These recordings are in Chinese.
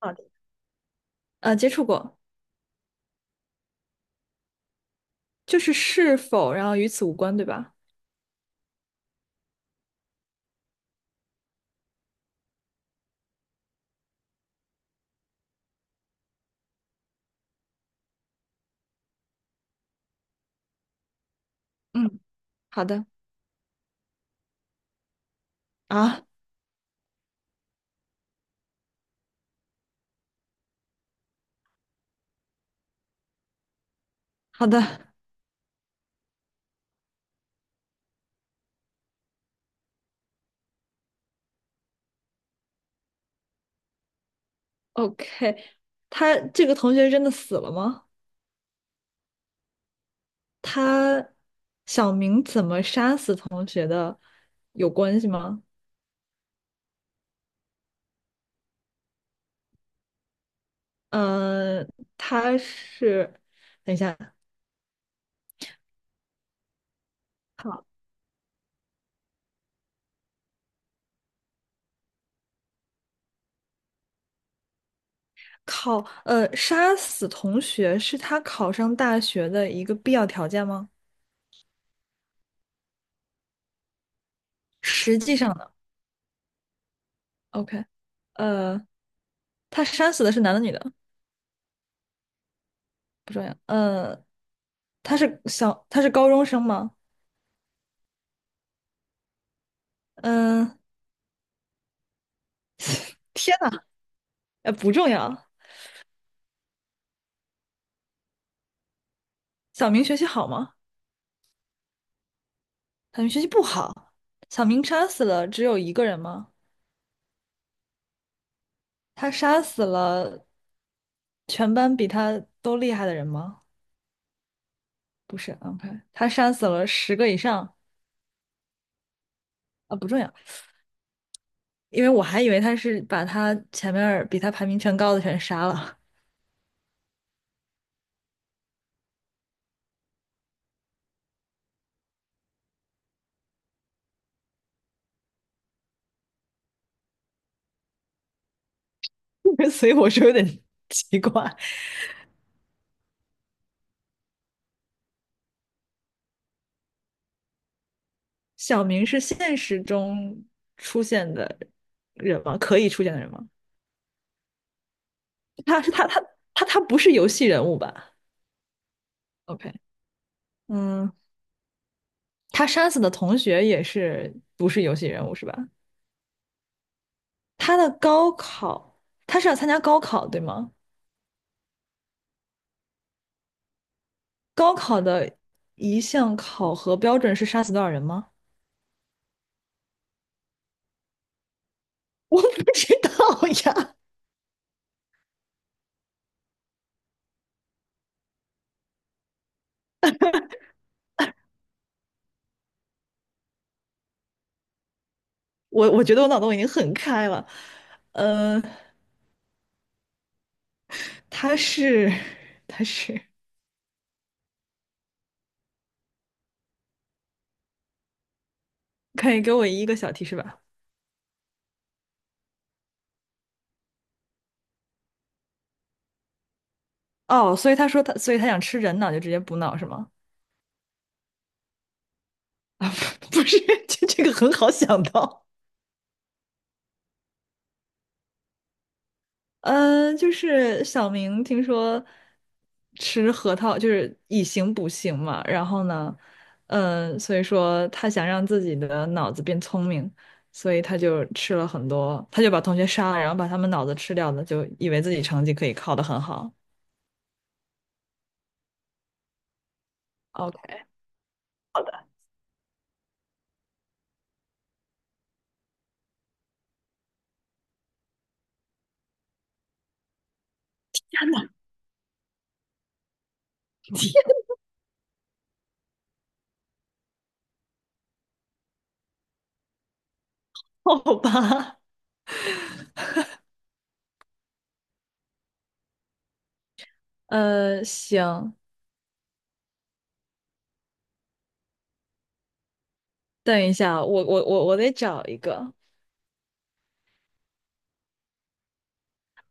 好的，接触过。就是是否，然后与此无关，对吧？嗯，好的啊，好的，OK。他这个同学真的死了吗？他小明怎么杀死同学的有关系吗？嗯、他是，等一下，好考，杀死同学是他考上大学的一个必要条件吗？实际上呢，OK，呃，他杀死的是男的女的？不重要，他是小，他是高中生吗？嗯，天呐，不重要。小明学习好吗？小明学习不好。小明杀死了只有一个人吗？他杀死了全班比他都厉害的人吗？不是，OK，他杀死了十个以上啊，不重要，因为我还以为他是把他前面儿比他排名全高的全杀了。所以我说有点奇怪。小明是现实中出现的人吗？可以出现的人吗？他是他不是游戏人物吧？OK，嗯，他杀死的同学也是不是游戏人物是吧？他的高考，他是要参加高考对吗？高考的一项考核标准是杀死多少人吗？我不知道呀，我觉得我脑洞已经很开了。呃，他是他是，可以给我一个小提示吧？哦，所以他说他，所以他想吃人脑，就直接补脑是吗？啊，不是，这这个很好想到。嗯，就是小明听说吃核桃就是以形补形嘛，然后呢，嗯、所以说他想让自己的脑子变聪明，所以他就吃了很多，他就把同学杀了，然后把他们脑子吃掉了，就以为自己成绩可以考得很好。OK，好吧，行，等一下，我得找一个。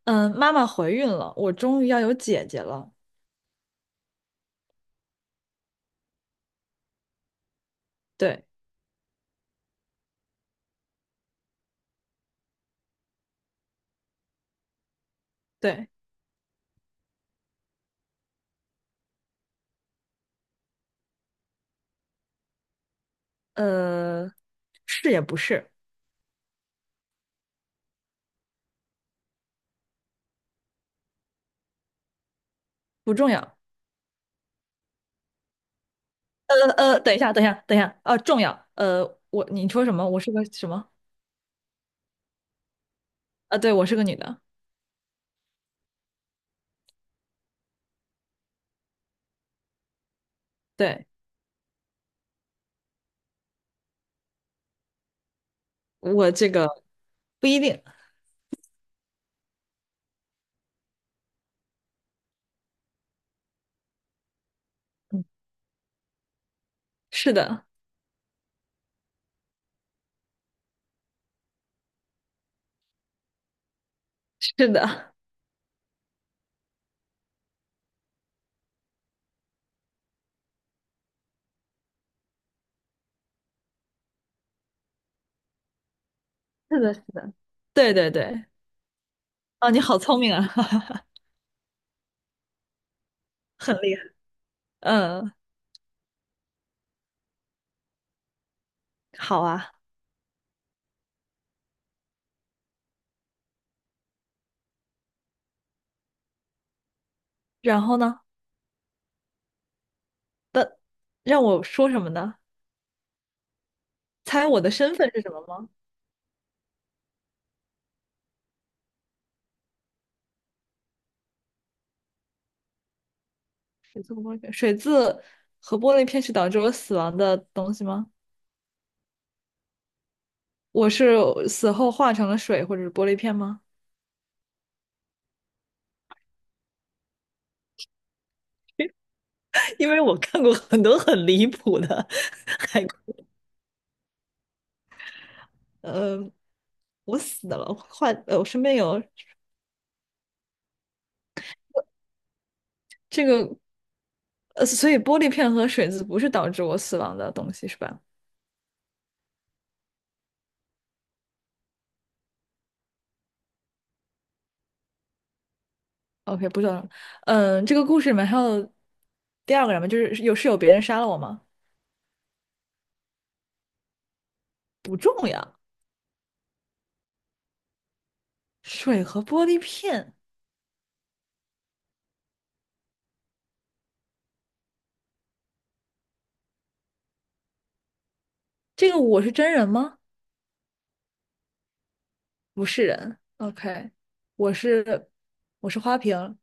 嗯，妈妈怀孕了，我终于要有姐姐了。对对，呃，是也不是。不重要。等一下，等一下，等一下，重要。我你说什么？我是个什么？啊，对，我是个女的。对，我这个不一定。是的，是的，是的，是的。对对对。啊，你好聪明啊，很厉害。嗯，好啊。然后呢？的让我说什么呢？猜我的身份是什么吗？水渍和玻璃片，水渍和玻璃片是导致我死亡的东西吗？我是死后化成了水或者是玻璃片吗？因为我看过很多很离谱的海龟呃，我死了，我坏，我身边有这个，所以玻璃片和水渍不是导致我死亡的东西是吧？OK，不知道，嗯，这个故事里面还有第二个人吗？就是有是有别人杀了我吗？不重要，水和玻璃片，这个我是真人吗？不是人，OK，我是我是花瓶，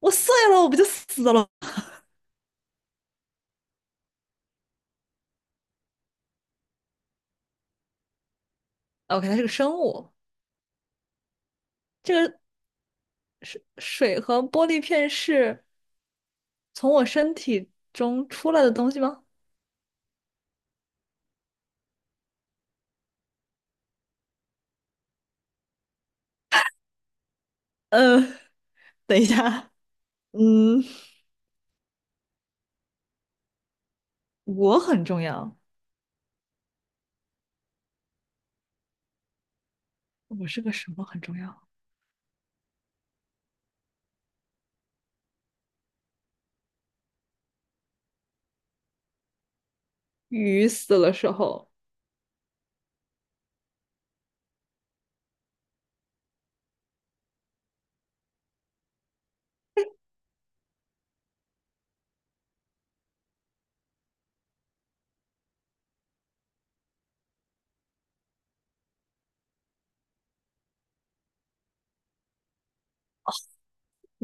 我碎了，我不就死了？OK，它是个生物。这个水和玻璃片是从我身体中出来的东西吗？呃，等一下，嗯，我很重要，我是个什么很重要？鱼死了时候，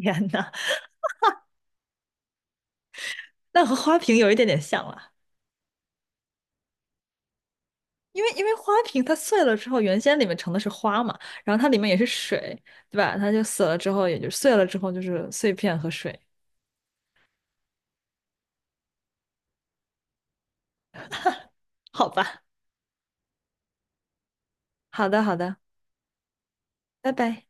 天呐，那和花瓶有一点点像了。因为花瓶它碎了之后，原先里面盛的是花嘛，然后它里面也是水，对吧？它就死了之后，也就碎了之后就是碎片和水。好吧，好的，好的，拜拜。